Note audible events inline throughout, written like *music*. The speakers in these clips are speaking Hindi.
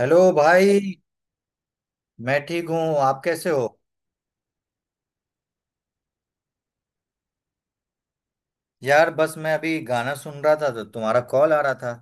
हेलो भाई। मैं ठीक हूँ। आप कैसे हो? यार, बस मैं अभी गाना सुन रहा था तो तुम्हारा कॉल आ रहा था।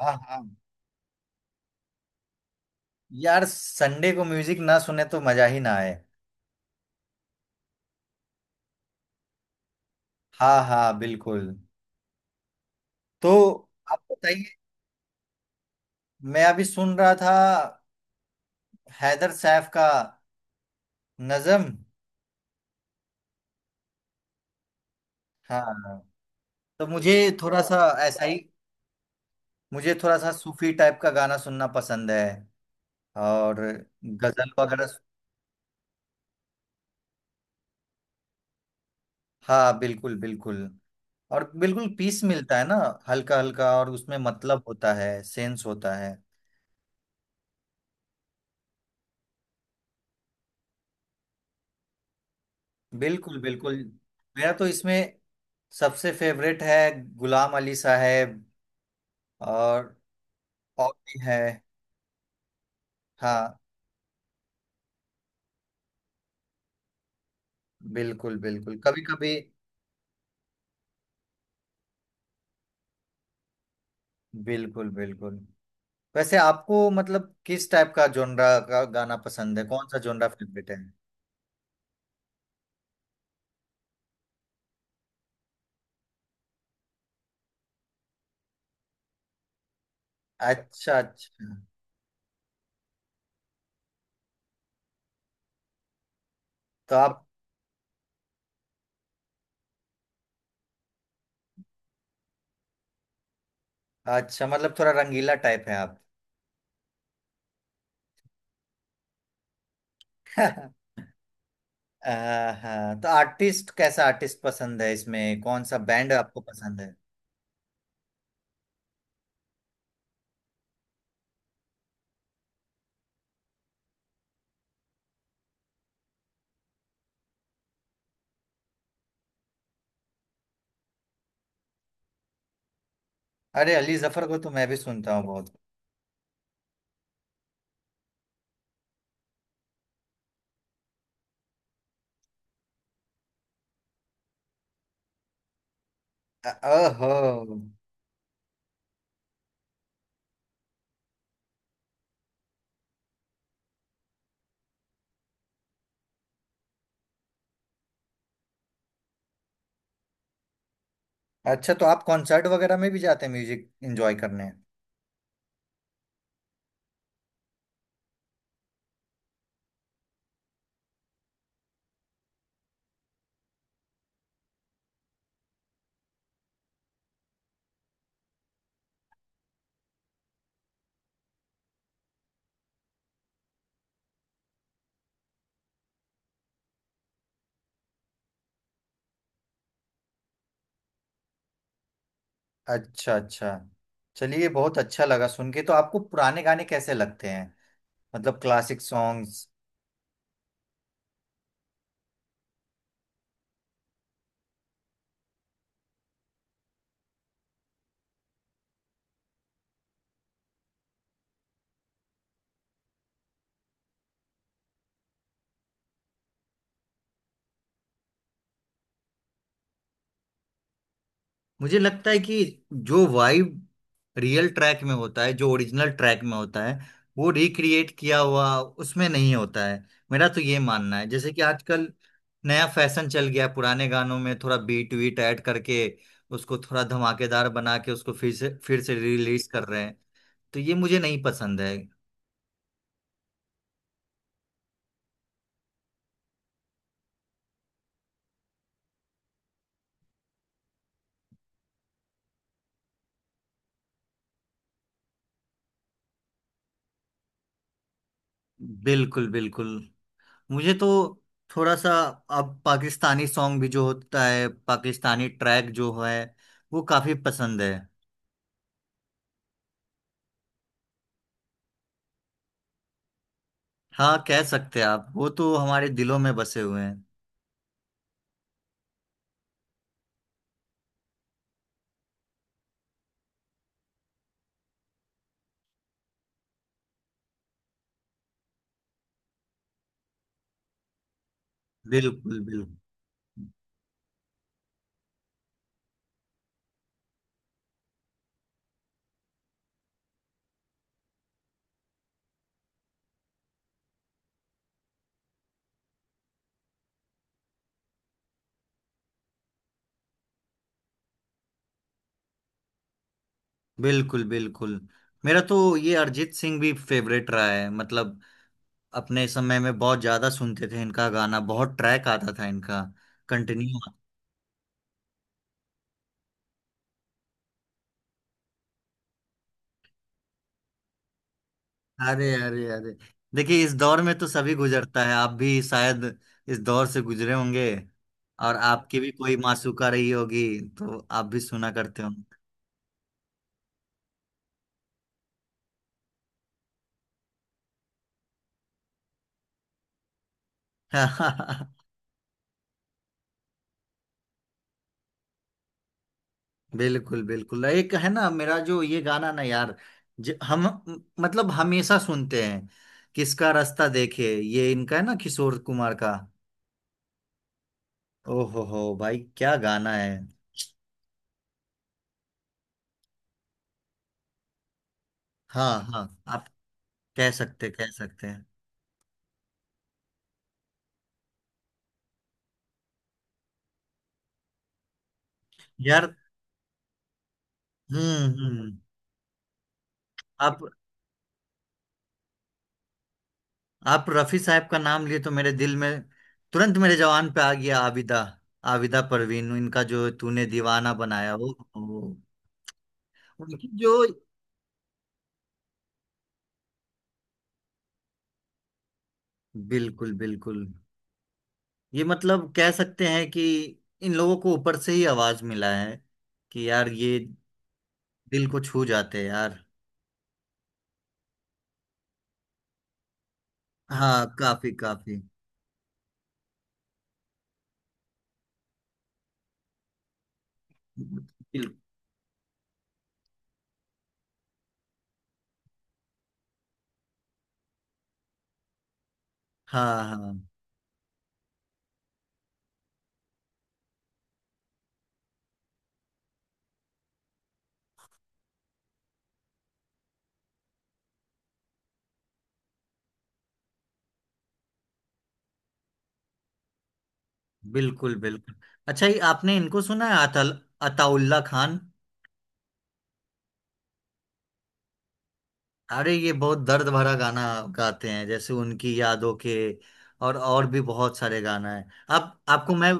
हाँ हाँ। यार, संडे को म्यूजिक ना सुने तो मजा ही ना आए। हाँ हाँ, बिल्कुल। तो आप बताइए। मैं अभी सुन रहा था हैदर सैफ का नज़म। हाँ, तो मुझे थोड़ा सा ऐसा ही, मुझे थोड़ा सा सूफी टाइप का गाना सुनना पसंद है। और गजल वगैरह। हाँ, बिल्कुल बिल्कुल। और बिल्कुल पीस मिलता है ना, हल्का हल्का। और उसमें मतलब होता है, सेंस होता है। बिल्कुल बिल्कुल। मेरा तो इसमें सबसे फेवरेट है गुलाम अली साहब। और और भी है। हाँ, बिल्कुल बिल्कुल। कभी कभी बिल्कुल बिल्कुल। वैसे आपको मतलब किस टाइप का जोनरा का गाना पसंद है? कौन सा जोनरा फेवरेट है? अच्छा अच्छा। तो आप, अच्छा मतलब थोड़ा रंगीला टाइप है आप। *laughs* आ, हाँ, तो आर्टिस्ट कैसा आर्टिस्ट पसंद है? इसमें कौन सा बैंड आपको पसंद है? अरे, अली जफर को तो मैं भी सुनता हूँ बहुत। ओहो। अच्छा, तो आप कॉन्सर्ट वगैरह में भी जाते हैं म्यूजिक एंजॉय करने? अच्छा अच्छा। चलिए, बहुत अच्छा लगा सुन के। तो आपको पुराने गाने कैसे लगते हैं? मतलब क्लासिक सॉन्ग्स। मुझे लगता है कि जो वाइब रियल ट्रैक में होता है, जो ओरिजिनल ट्रैक में होता है, वो रिक्रिएट किया हुआ उसमें नहीं होता है। मेरा तो ये मानना है। जैसे कि आजकल नया फैशन चल गया है, पुराने गानों में थोड़ा बीट वीट ऐड करके, उसको थोड़ा धमाकेदार बना के उसको फिर से रिलीज कर रहे हैं। तो ये मुझे नहीं पसंद है। बिल्कुल बिल्कुल। मुझे तो थोड़ा सा, अब पाकिस्तानी सॉन्ग भी जो होता है, पाकिस्तानी ट्रैक जो है, वो काफी पसंद है। हाँ, कह सकते हैं आप। वो तो हमारे दिलों में बसे हुए हैं। बिल्कुल बिल्कुल बिल्कुल बिल्कुल। मेरा तो ये अरिजीत सिंह भी फेवरेट रहा है। मतलब अपने समय में बहुत ज्यादा सुनते थे इनका गाना। बहुत ट्रैक आता था इनका। कंटिन्यू। अरे अरे अरे, देखिए, इस दौर में तो सभी गुजरता है। आप भी शायद इस दौर से गुजरे होंगे। और आपकी भी कोई मासूका रही होगी तो आप भी सुना करते होंगे। *laughs* बिल्कुल बिल्कुल। एक है ना मेरा जो ये गाना ना, यार, हम, मतलब हमेशा सुनते हैं, किसका रास्ता देखे ये, इनका है ना, किशोर कुमार का। ओहो हो भाई, क्या गाना है। हाँ हाँ, आप कह सकते हैं। यार, हम्म। आप आप रफी साहब का नाम लिए तो मेरे दिल में तुरंत मेरे जवान पे आ गया आबिदा, आबिदा परवीन। इनका जो तूने दीवाना बनाया वो, वो- उनकी जो, बिल्कुल बिल्कुल। ये मतलब कह सकते हैं कि इन लोगों को ऊपर से ही आवाज मिला है, कि यार ये दिल को छू जाते हैं यार। हाँ, काफी काफी। बिल- हाँ हाँ, बिल्कुल बिल्कुल। अच्छा, ये आपने इनको सुना है, अतल अताउल्ला खान? अरे, ये बहुत दर्द भरा गाना गाते हैं, जैसे उनकी यादों के, और भी बहुत सारे गाना है। आप आपको मैं,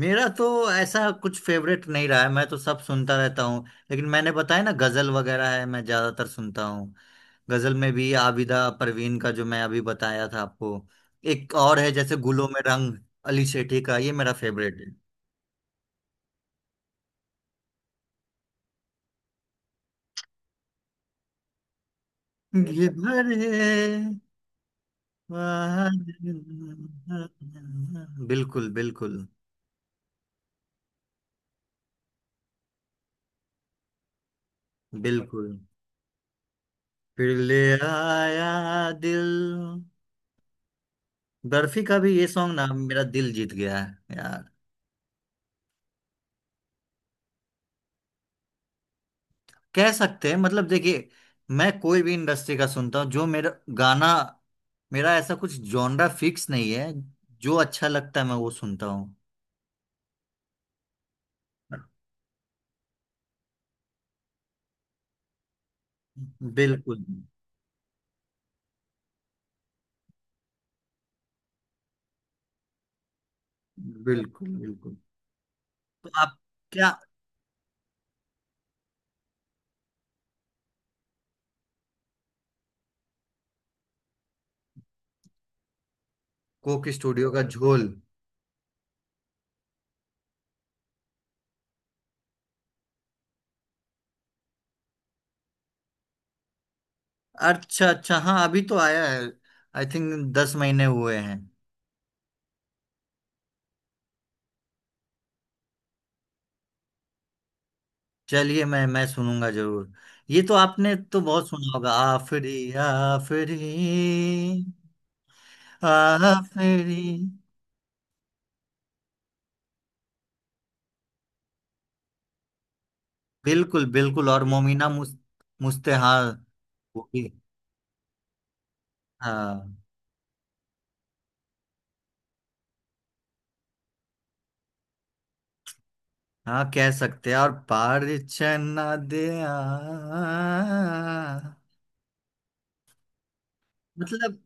मेरा तो ऐसा कुछ फेवरेट नहीं रहा है। मैं तो सब सुनता रहता हूँ, लेकिन मैंने बताया ना, गजल वगैरह है मैं ज्यादातर सुनता हूँ। गजल में भी आबिदा परवीन का जो मैं अभी बताया था आपको। एक और है, जैसे गुलों में रंग, अली शेठी का, ये मेरा फेवरेट है। ये भरे बादल। बिल्कुल बिल्कुल बिल्कुल। फिर ले आया दिल, बर्फी का भी ये सॉन्ग ना, मेरा दिल जीत गया है यार। कह सकते हैं, मतलब देखिए, मैं कोई भी इंडस्ट्री का सुनता हूँ, जो मेरा गाना, मेरा ऐसा कुछ जॉनरा फिक्स नहीं है। जो अच्छा लगता है मैं वो सुनता हूँ। बिल्कुल बिल्कुल बिल्कुल। तो आप? क्या? कोक स्टूडियो का झोल? अच्छा अच्छा। हाँ, अभी तो आया है। आई थिंक 10 महीने हुए हैं। चलिए, मैं सुनूंगा जरूर। ये तो आपने तो बहुत सुना होगा, आफरी आफरी आफरी। बिल्कुल बिल्कुल। और मोमिना मुस्तेहाल। वो भी। हाँ हाँ, कह सकते हैं। और परिचय ना दे मतलब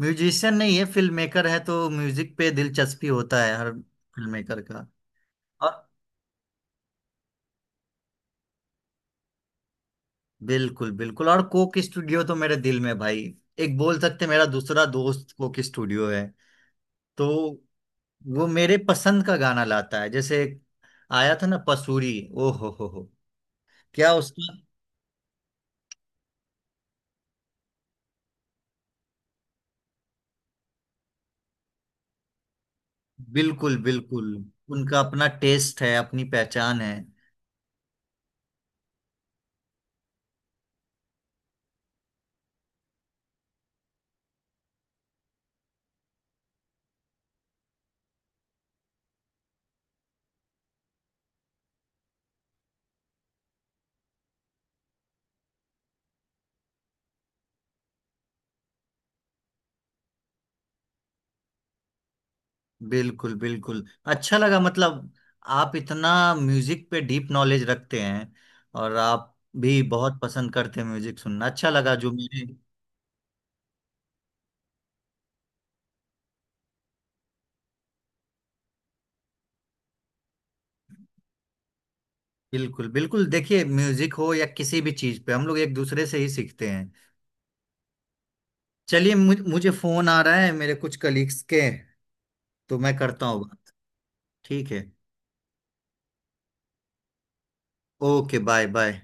म्यूजिशियन नहीं है, फिल्म मेकर है, तो म्यूजिक पे दिलचस्पी होता है हर फिल्म मेकर का। और बिल्कुल बिल्कुल। और कोक स्टूडियो तो मेरे दिल में भाई, एक बोल सकते हैं, मेरा दूसरा दोस्त कोक स्टूडियो है। तो वो मेरे पसंद का गाना लाता है, जैसे एक आया था ना पसूरी। ओ हो, क्या उसका! बिल्कुल बिल्कुल। उनका अपना टेस्ट है, अपनी पहचान है। बिल्कुल बिल्कुल। अच्छा लगा, मतलब आप इतना म्यूजिक पे डीप नॉलेज रखते हैं। और आप भी बहुत पसंद करते हैं म्यूजिक सुनना, अच्छा लगा जो मेरे। बिल्कुल बिल्कुल। देखिए, म्यूजिक हो या किसी भी चीज पे, हम लोग एक दूसरे से ही सीखते हैं। चलिए, मुझे फोन आ रहा है मेरे कुछ कलीग्स के। तो मैं करता हूँ बात। ठीक है। Okay, bye bye.